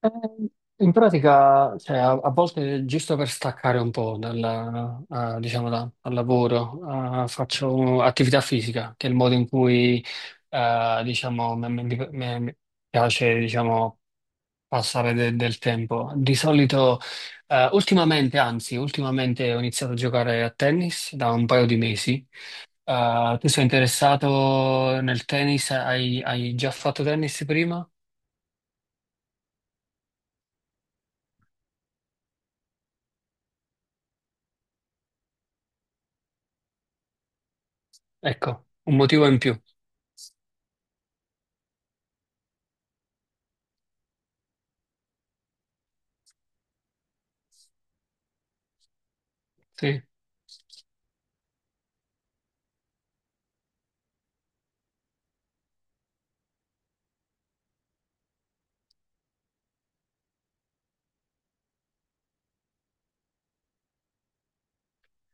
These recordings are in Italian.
Eh, In pratica, a volte giusto per staccare un po' dalla- diciamo da- dal lavoro, faccio attività fisica, che è il modo in cui, mi piace, diciamo, passare del tempo. Di solito, ultimamente ho iniziato a giocare a tennis da un paio di mesi. Tu sei interessato nel tennis? Hai già fatto tennis prima? Ecco, un motivo in più. Sì.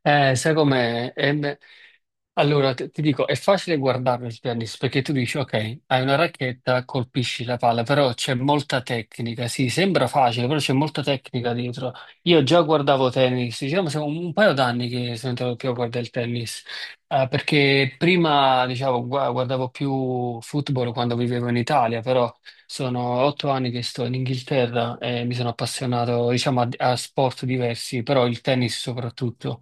Sai com'è? È me- Allora, t- ti dico, è facile guardarlo il tennis perché tu dici, ok, hai una racchetta, colpisci la palla, però c'è molta tecnica. Sì, sembra facile, però c'è molta tecnica dietro. Io già guardavo tennis, diciamo, sono un paio d'anni che sono entrato più a guardare il tennis, perché prima, diciamo, guardavo più football quando vivevo in Italia, però sono otto anni che sto in Inghilterra e mi sono appassionato, diciamo, a sport diversi, però il tennis soprattutto.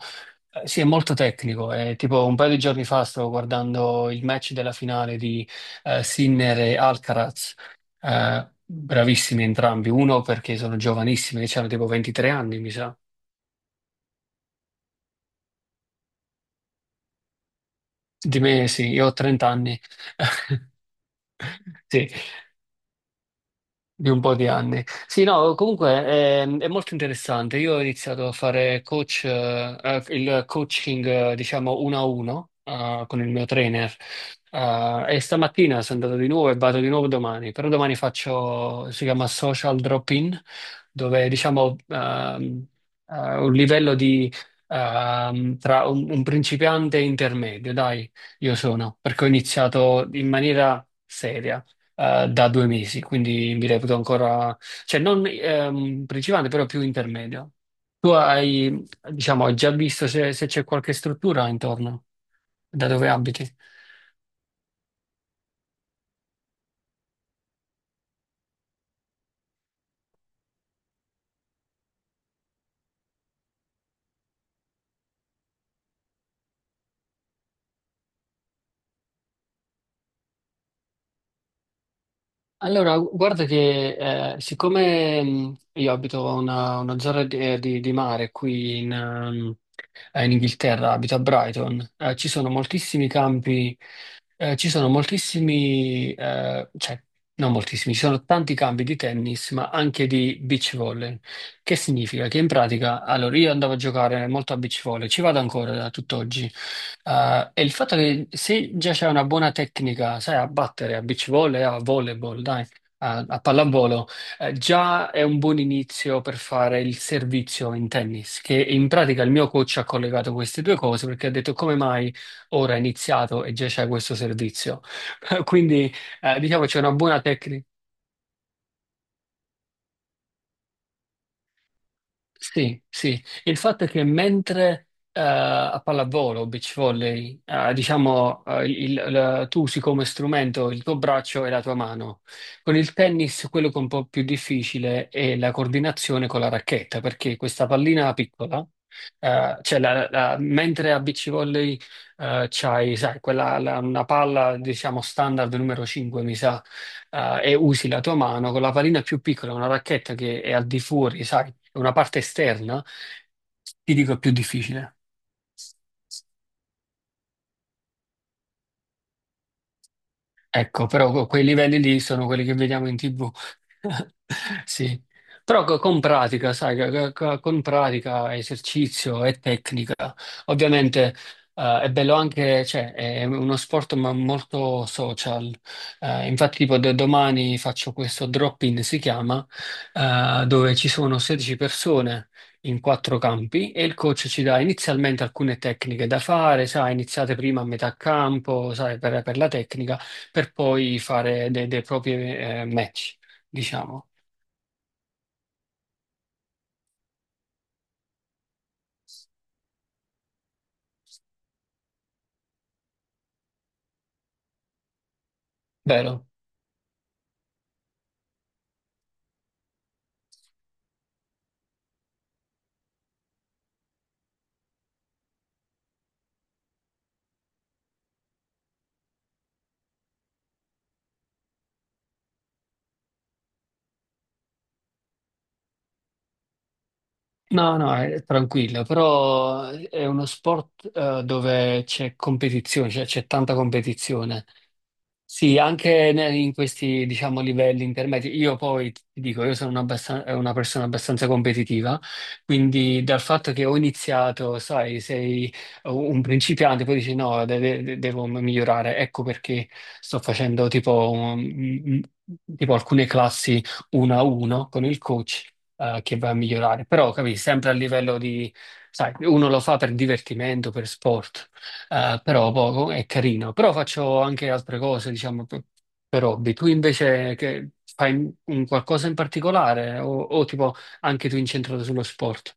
Sì, è molto tecnico. Tipo un paio di giorni fa stavo guardando il match della finale di Sinner e Alcaraz. Bravissimi entrambi, uno perché sono giovanissimi, che hanno tipo 23 anni, mi sa. Di me sì, io ho 30 anni. Sì. Di un po' di anni. Sì, no, comunque è, molto interessante. Io ho iniziato a fare coach, il coaching, diciamo, uno a uno, con il mio trainer. E stamattina sono andato di nuovo e vado di nuovo domani. Però domani faccio, si chiama social drop-in, dove diciamo un livello di tra un principiante e intermedio, dai, io sono, perché ho iniziato in maniera seria da due mesi, quindi mi reputo ancora, cioè non principale, però più intermedio. Tu hai, diciamo, hai già visto se c'è qualche struttura intorno, da dove abiti? Allora, guarda che siccome io abito una zona di, di mare qui in, in Inghilterra, abito a Brighton, ci sono moltissimi campi, ci sono moltissimi, cioè non moltissimi, ci sono tanti campi di tennis, ma anche di beach volley. Che significa? Che in pratica, allora io andavo a giocare molto a beach volley, ci vado ancora da tutt'oggi, e il fatto che se già c'è una buona tecnica, sai, a battere a beach volley, a volleyball, dai, a, pallavolo, già è un buon inizio per fare il servizio in tennis, che in pratica il mio coach ha collegato queste due cose perché ha detto come mai ora è iniziato e già c'è questo servizio. Quindi, diciamo, c'è una buona tecnica. Sì, sì, il fatto è che mentre a pallavolo, beach volley, tu usi come strumento il tuo braccio e la tua mano. Con il tennis, quello che è un po' più difficile è la coordinazione con la racchetta, perché questa pallina piccola, mentre a beach volley c'hai, sai, quella, una palla, diciamo, standard numero 5, mi sa, e usi la tua mano con la pallina più piccola, una racchetta che è al di fuori, sai, è una parte esterna, ti dico è più difficile. Ecco, però quei livelli lì sono quelli che vediamo in TV. Sì. Però co- con pratica, sai, co- co- con pratica, esercizio e tecnica. Ovviamente è bello anche, cioè, è uno sport ma molto social. Infatti, tipo, domani faccio questo drop-in, si chiama, dove ci sono 16 persone in quattro campi e il coach ci dà inizialmente alcune tecniche da fare, sai, iniziate prima a metà campo, sai, per la tecnica per poi fare dei propri match, diciamo. Vero? No, no, è tranquillo, però è uno sport dove c'è competizione, cioè c'è tanta competizione. Sì, anche in questi, diciamo, livelli intermedi. Io poi ti dico, io sono una persona abbastanza competitiva, quindi dal fatto che ho iniziato, sai, sei un principiante, poi dici no, devo migliorare. Ecco perché sto facendo tipo, tipo alcune classi uno a uno con il coach, che va a migliorare. Però, capisci, sempre a livello di, sai, uno lo fa per divertimento, per sport. Però poco è carino, però faccio anche altre cose, diciamo, per hobby. Tu invece che fai un qualcosa in particolare o tipo anche tu incentrato sullo sport?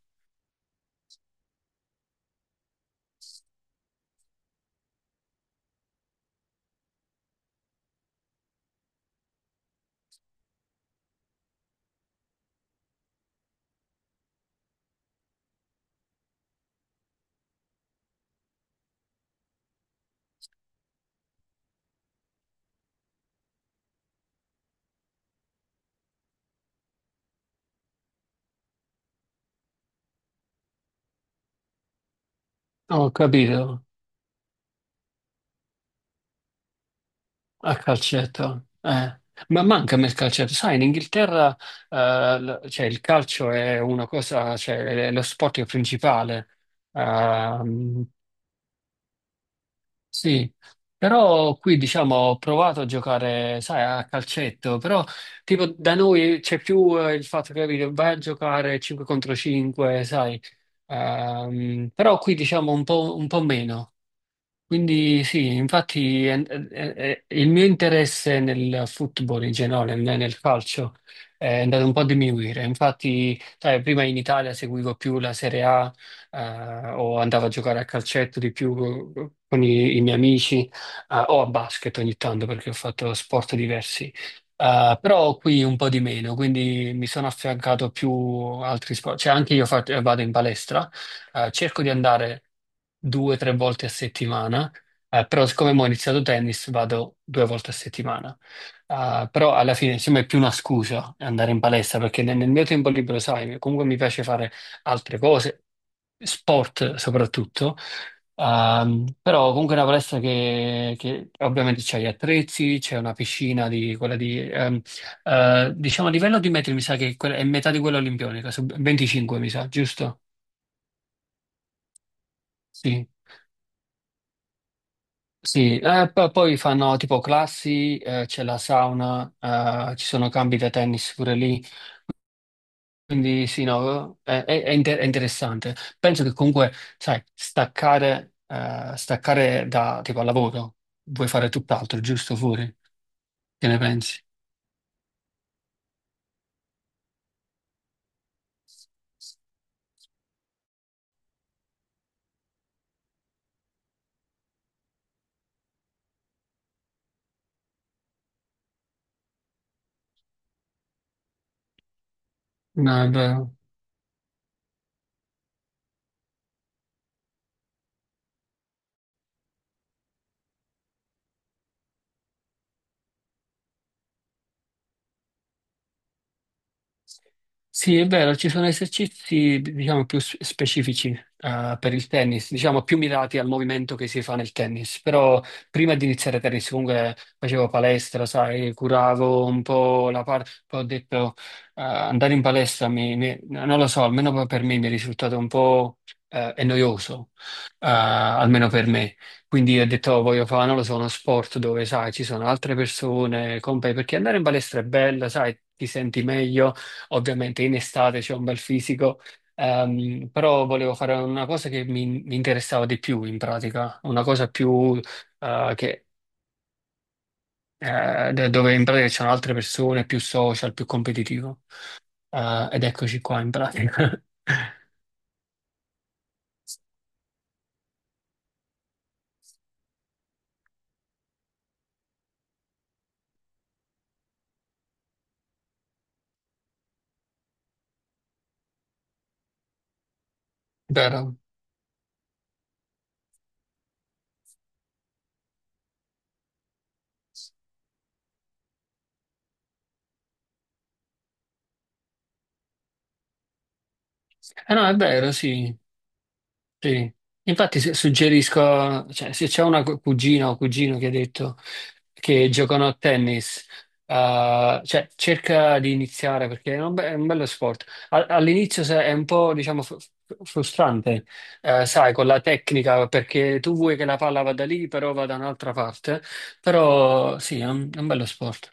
Ho capito, a calcetto. Eh. Ma manca a me il calcetto. Sai, in Inghilterra cioè, il calcio è una cosa, cioè, è lo sport principale. Ehm, Sì, però qui diciamo ho provato a giocare, sai, a calcetto, però tipo da noi c'è più il fatto che capito, vai a giocare 5 contro 5, sai, però qui diciamo un po' meno. Quindi sì, infatti il mio interesse nel football in generale, nel calcio, è andato un po' a diminuire. Infatti, sai, prima in Italia seguivo più la Serie A, o andavo a giocare a calcetto di più con i miei amici, o a basket ogni tanto perché ho fatto sport diversi. Però qui un po' di meno, quindi mi sono affiancato più altri sport. Cioè, anche io vado in palestra cerco di andare due o tre volte a settimana, però siccome mo ho iniziato tennis vado due volte a settimana. Però alla fine insomma è più una scusa andare in palestra perché nel, nel mio tempo libero, sai, comunque mi piace fare altre cose, sport soprattutto. Però comunque è una palestra che ovviamente c'è gli attrezzi, c'è una piscina di quella di diciamo a livello di metri mi sa che è metà di quella olimpionica, 25 mi sa, giusto? Sì. Sì, poi fanno tipo classi, c'è la sauna, ci sono campi da tennis pure lì, quindi sì, no, è, è interessante. Penso che comunque, sai, staccare, staccare da tipo al lavoro, vuoi fare tutt'altro, giusto fuori? Che ne pensi? No, è vero. Sì, è vero, ci sono esercizi, diciamo, più specifici, per il tennis, diciamo, più mirati al movimento che si fa nel tennis. Però prima di iniziare tennis, comunque facevo palestra, sai, curavo un po' la parte, poi ho detto, andare in palestra, non lo so, almeno per me mi è risultato un po', è noioso, almeno per me. Quindi ho detto, "Oh, voglio fare, non lo so, uno sport dove, sai, ci sono altre persone, compagni, perché andare in palestra è bello, sai, ti senti meglio." Ovviamente in estate c'è un bel fisico, però volevo fare una cosa che mi interessava di più in pratica, una cosa più eh, che, dove in pratica ci sono altre persone, più social, più competitivo. Ed eccoci qua in pratica. Vero? Eh no, è vero, sì. Sì. Infatti suggerisco, cioè, se c'è una cugina o cugino che ha detto che giocano a tennis, cioè, cerca di iniziare perché è un, è un bello sport. All'inizio è un po', diciamo, frustrante, sai, con la tecnica, perché tu vuoi che la palla vada lì, però va da un'altra parte. Però sì, è un bello sport.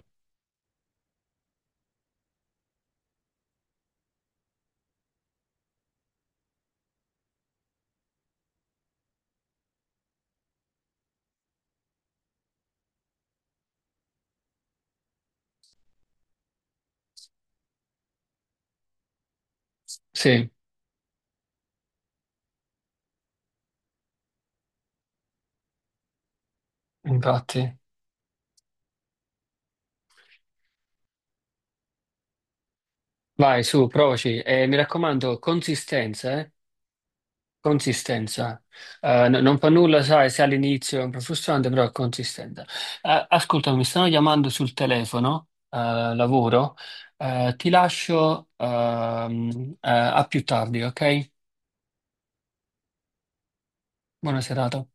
Sì, infatti. Vai, su, provaci. E mi raccomando, consistenza, eh. Consistenza. Non fa nulla, sai, se all'inizio è un po' frustrante, però è consistente. Ascolta, mi stanno chiamando sul telefono, lavoro. Ti lascio, a più tardi, ok? Buona serata.